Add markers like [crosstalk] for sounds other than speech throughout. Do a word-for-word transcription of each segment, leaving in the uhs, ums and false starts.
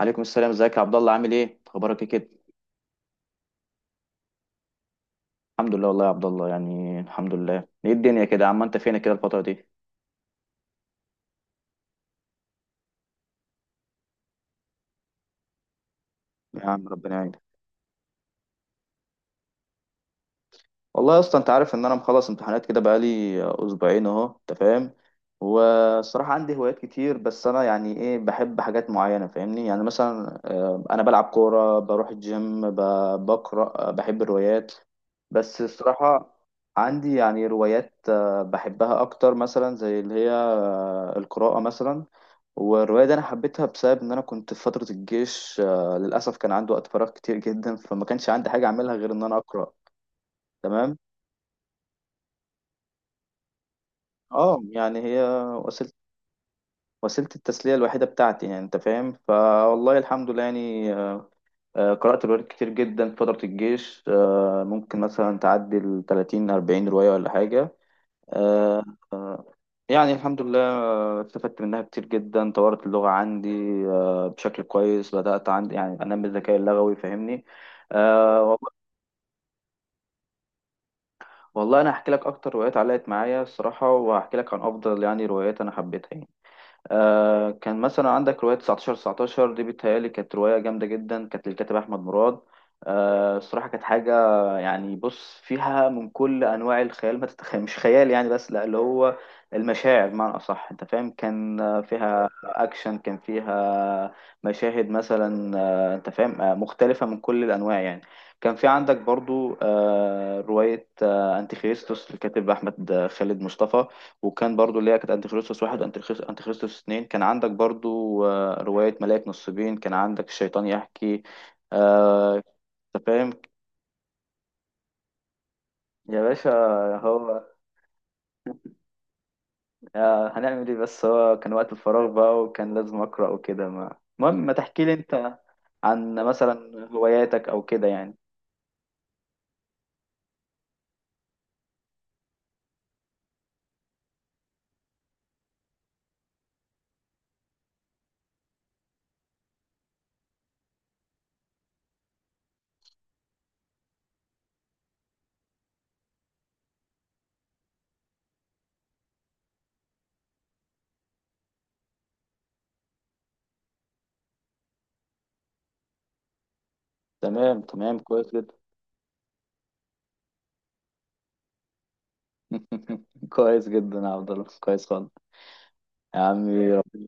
عليكم السلام، ازيك يا عبد الله؟ عامل ايه؟ اخبارك ايه كده؟ الحمد لله والله يا عبد الله، يعني الحمد لله. ايه الدنيا كده يا عم؟ انت فينك كده الفتره دي؟ يا عم ربنا يعينك. والله يا اسطى انت عارف ان انا مخلص امتحانات كده بقالي اسبوعين اهو، انت فاهم. والصراحه عندي هوايات كتير، بس انا يعني ايه، بحب حاجات معينه فاهمني، يعني مثلا آه، انا بلعب كوره، بروح الجيم، ب- بقرا، آه، بحب الروايات. بس الصراحه عندي يعني روايات آه، بحبها اكتر، مثلا زي اللي هي آه، القراءه مثلا. والرواية دي أنا حبيتها بسبب إن أنا كنت في فترة الجيش، آه، للأسف كان عندي وقت فراغ كتير جدا، فما كانش عندي حاجة أعملها غير إن أنا أقرأ. تمام. أه يعني هي وسيلة، وسيلة التسلية الوحيدة بتاعتي يعني، أنت فاهم. فوالله الحمد لله يعني، آه، آه، قرأت روايات كتير جدا في فترة الجيش، آه، ممكن مثلا تعدي ال تلاتين اربعين رواية ولا حاجة. آه، يعني الحمد لله، آه، استفدت منها كتير جدا، طورت اللغة عندي آه، بشكل كويس، بدأت عندي يعني أنمي الذكاء اللغوي فاهمني. آه، والله انا هحكي لك اكتر روايات علقت معايا الصراحه، وهحكي لك عن افضل يعني روايات انا حبيتها يعني. آه، كان مثلا عندك رواية تسعة عشر تسعة عشر دي، بيتهيألي كانت رواية جامدة جدا، كانت للكاتب أحمد مراد. آه، الصراحة كانت حاجة يعني. بص، فيها من كل أنواع الخيال ما تتخيل، مش خيال يعني بس، لا اللي هو المشاعر بمعنى أصح، أنت فاهم. كان آه، فيها أكشن، كان فيها مشاهد مثلا آه، أنت فاهم، آه، مختلفة من كل الأنواع يعني. كان في عندك برضو آه، رواية آه، أنتيخريستوس للكاتب أحمد خالد مصطفى. وكان برضو اللي هي كانت انتيخريستوس واحد وانتيخريستوس، أنتيخريستوس اتنين. كان عندك برضو آه، رواية ملاك نصيبين، كان عندك الشيطان يحكي. آه، انت فاهم يا باشا. هو آه، هنعمل ايه بس؟ هو كان وقت الفراغ بقى وكان لازم أقرأ وكده. ما المهم، ما تحكي لي انت عن مثلا هواياتك او كده يعني. تمام تمام، كويس جدا. [laughs] كويس جدا يا عبد الله، كويس خالص. يا عمي ربنا.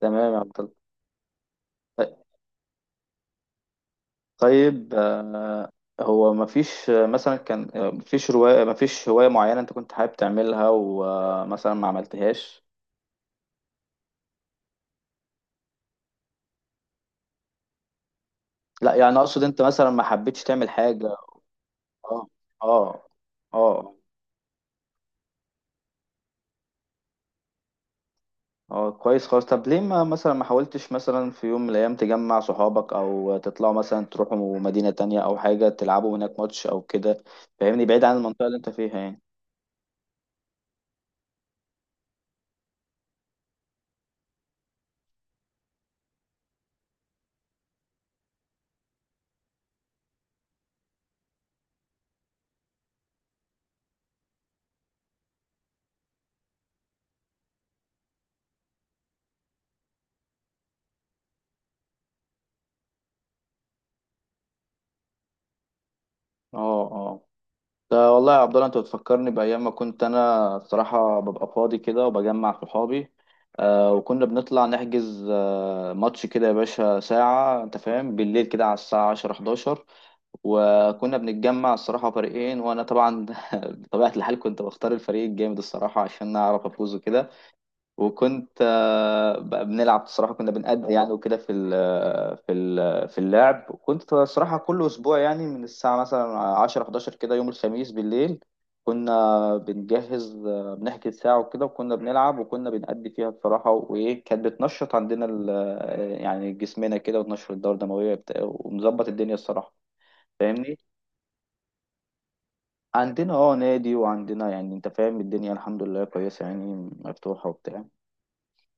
تمام يا عبد الله. طيب هو مفيش مثلا، كان مفيش رواية، مفيش هواية معينة انت كنت حابب تعملها ومثلا ما عملتهاش؟ لا يعني اقصد انت مثلا ما حبيتش تعمل حاجة. اه. اه. اه. اه كويس خالص. طب ليه ما مثلا، ما حاولتش مثلا في يوم من الايام تجمع صحابك او تطلعوا مثلا تروحوا مدينة تانية او حاجة تلعبوا هناك ماتش او كده؟ فاهمني، بعيد عن المنطقة اللي انت فيها يعني. اه. آه. ده والله يا عبد الله انت بتفكرني بايام ما كنت انا بصراحه ببقى فاضي كده وبجمع صحابي. آه، وكنا بنطلع نحجز آه ماتش كده يا باشا ساعه، انت فاهم، بالليل كده على الساعه عشرة حداشر، وكنا بنتجمع الصراحه فريقين، وانا طبعا [laughs] بطبيعه الحال كنت بختار الفريق الجامد الصراحه عشان اعرف افوز وكده. وكنت آه، بقى بنلعب الصراحه، كنا بنأدي يعني وكده في ال آه، في ال آه، في اللعب. وكنت الصراحه كل اسبوع يعني من الساعه مثلا عشرة حداشر كده يوم الخميس بالليل كنا بنجهز، آه، بنحجز ساعه وكده، وكنا بنلعب وكنا بنأدي فيها بصراحه. وايه، كانت بتنشط عندنا ال- آه، يعني جسمنا كده، وتنشط الدوره الدمويه بتاع- ومظبط الدنيا الصراحه، فاهمني. عندنا اه نادي، وعندنا يعني انت فاهم الدنيا الحمد لله كويسه يعني، مفتوحه وبتاع.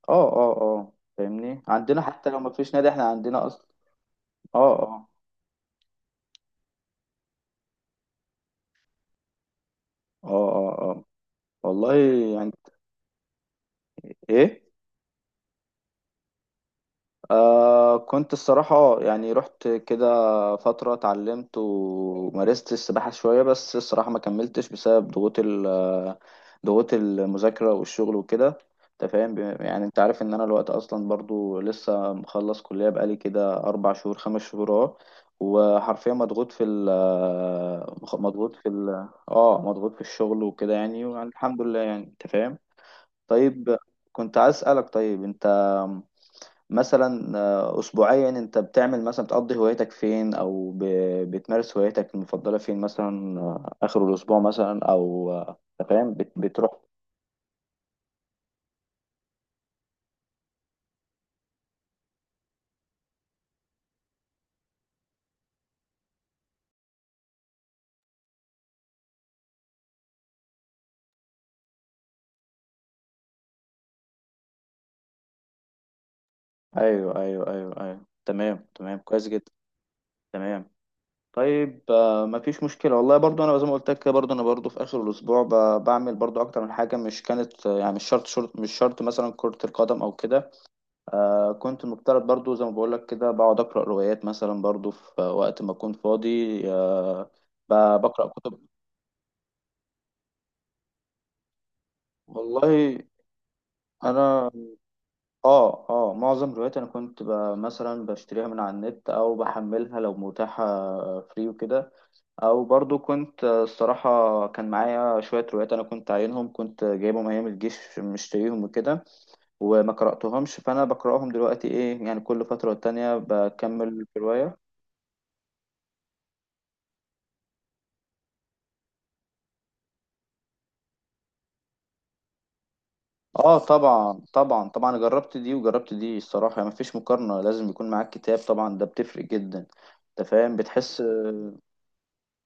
اه اه اه فاهمني، عندنا حتى لو ما فيش نادي احنا عندنا اصلا. اه. اه. اه. اه. اه. والله يعني ايه. آه كنت الصراحة يعني رحت كده فترة، اتعلمت ومارست السباحة شوية، بس الصراحة ما كملتش بسبب ضغوط ال آه، ضغوط المذاكرة والشغل وكده. انت فاهم، ب- يعني انت عارف ان انا الوقت اصلا برضو لسه مخلص كلية بقالي كده اربع شهور، خمس شهور. اه. وحرفيا مضغوط في ال مخ- مضغوط في ال اه مضغوط في الشغل وكده يعني، والحمد لله يعني انت فاهم. طيب كنت عايز اسألك. طيب انت مثلا آه، اسبوعيا انت بتعمل مثلا، بتقضي هوايتك فين، او ب- بتمارس هوايتك المفضله فين مثلا؟ آه، اخر الاسبوع مثلا، او آه، أنت فاهم بت- بتروح. ايوه ايوه ايوه ايوه، تمام تمام كويس جدا. تمام. طيب آه، مفيش مشكله، والله برضو انا زي ما قلت لك كده، برضو انا برضو في اخر الاسبوع ب- بعمل برضو اكتر من حاجه، مش كانت آه، يعني مش شرط شرط مش شرط مثلا كره القدم او كده. آه كنت مفترض برضو زي ما بقولك كده بقعد أقرأ روايات مثلا، برضو في وقت ما أكون فاضي آه ب- بقرأ كتب. والله أنا آه آه معظم روايات أنا كنت ب- مثلا بشتريها من على النت أو بحملها لو متاحة فري وكده. أو برضو كنت آه، الصراحة كان معايا شوية روايات أنا كنت عاينهم، كنت جايبهم أيام الجيش مشتريهم وكده، وما قرأتهمش فأنا بقرأهم دلوقتي إيه يعني، كل فترة والتانية بكمل في رواية. اه طبعا، طبعا طبعا جربت دي وجربت دي الصراحة يعني، مفيش مقارنة، لازم يكون معاك كتاب طبعا، ده بتفرق جدا، انت فاهم. بتحس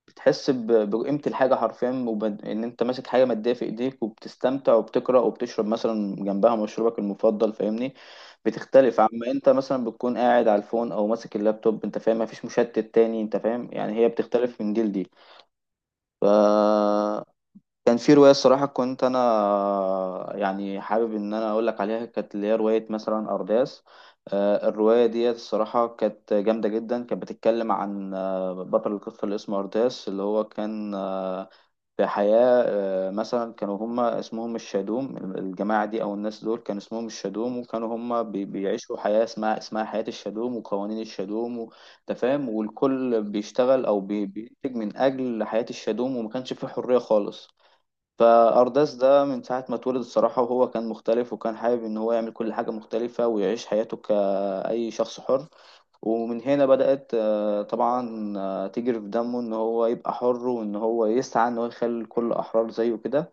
بتحس ب- بقيمة الحاجة حرفيا، وب- ان انت ماسك حاجة مادية في ايديك وبتستمتع وبتقرأ وبتشرب مثلا جنبها مشروبك المفضل، فاهمني. بتختلف عما انت مثلا بتكون قاعد على الفون او ماسك اللابتوب، انت فاهم مفيش مشتت تاني. انت فاهم يعني، هي بتختلف من جيل دي. ف كان في رواية الصراحة كنت أنا يعني حابب إن أنا أقول لك عليها، كانت اللي هي رواية مثلا أرداس. آه، الرواية دي الصراحة كانت جامدة جدا، كانت بتتكلم عن آه، بطل القصة اللي اسمه أرداس اللي هو كان آه، في حياة آه، مثلا كانوا هما اسمهم الشادوم، الجماعة دي أو الناس دول كان اسمهم الشادوم، وكانوا هما بي- بيعيشوا حياة اسمها اسمها حياة الشادوم وقوانين الشادوم و- أنت فاهم. والكل بيشتغل أو بي- بينتج من أجل حياة الشادوم، وما كانش فيه حرية خالص. فأرداس ده من ساعة ما اتولد الصراحة وهو كان مختلف، وكان حابب إن هو يعمل كل حاجة مختلفة ويعيش حياته كأي شخص حر. ومن هنا بدأت آه، طبعا آه، تجري في دمه إن هو يبقى حر، وإن هو يسعى إن هو يخلي الكل أحرار زيه كده.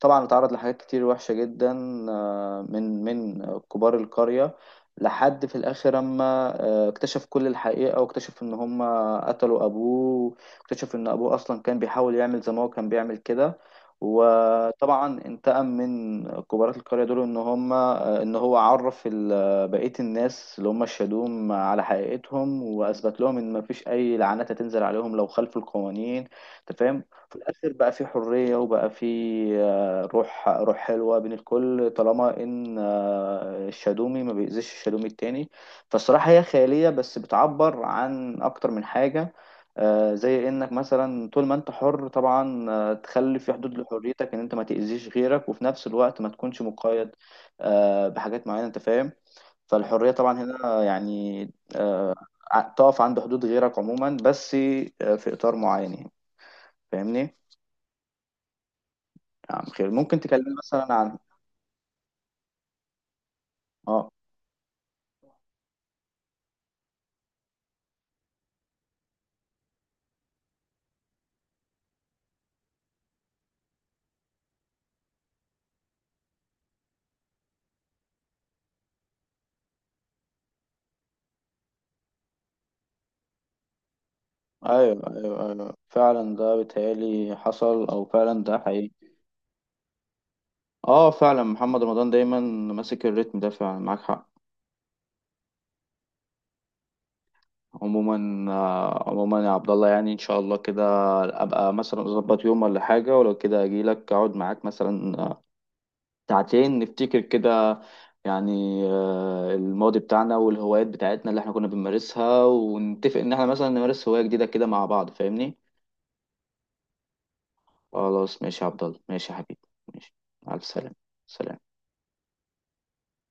طبعا اتعرض لحاجات كتير وحشة جدا، آه، من من كبار القرية، لحد في الآخر أما آه، اكتشف كل الحقيقة واكتشف إن هم قتلوا أبوه، واكتشف إن أبوه أصلا كان بيحاول يعمل زي ما هو كان بيعمل كده. وطبعا انتقم من كبارات القرية دول. إن هم آه، إن هو عرف ال- آه، بقية الناس اللي هم الشادوم على حقيقتهم، وأثبت لهم إن مفيش أي لعنات هتنزل عليهم لو خالفوا القوانين، أنت فاهم؟ في الآخر بقى في حرية، وبقى في روح روح حلوة بين الكل طالما إن آه، الشادومي ما بيأذيش الشادومي التاني. فالصراحة هي خيالية بس بتعبر عن أكتر من حاجة، آه، زي إنك مثلا طول ما أنت حر طبعا آه، تخلي في حدود لحريتك إن أنت ما تأذيش غيرك، وفي نفس الوقت ما تكونش مقيد آه، بحاجات معينة، أنت فاهم. فالحرية طبعا هنا يعني آه، ع- تقف عند حدود غيرك عموما، بس آه، في إطار معين يعني، فاهمني؟ نعم خير، ممكن تكلمني مثلا عن. اه ايوه ايوه ايوه، فعلا ده بيتهيألي حصل او فعلا ده حقيقي. اه فعلا محمد رمضان دايما ماسك الريتم ده، فعلا معاك حق. عموما آه، عموما يا عبد الله يعني ان شاء الله كده ابقى مثلا اظبط يوم ولا حاجه، ولو كده اجي لك اقعد معاك مثلا آه، ساعتين نفتكر كده يعني آه، الماضي بتاعنا والهوايات بتاعتنا اللي احنا كنا بنمارسها، ونتفق ان احنا مثلا نمارس هوايه جديده كده مع بعض، فاهمني. خلاص ماشي يا عبد الله، ماشي يا حبيبي. ماشي. مع السلامه. سلام.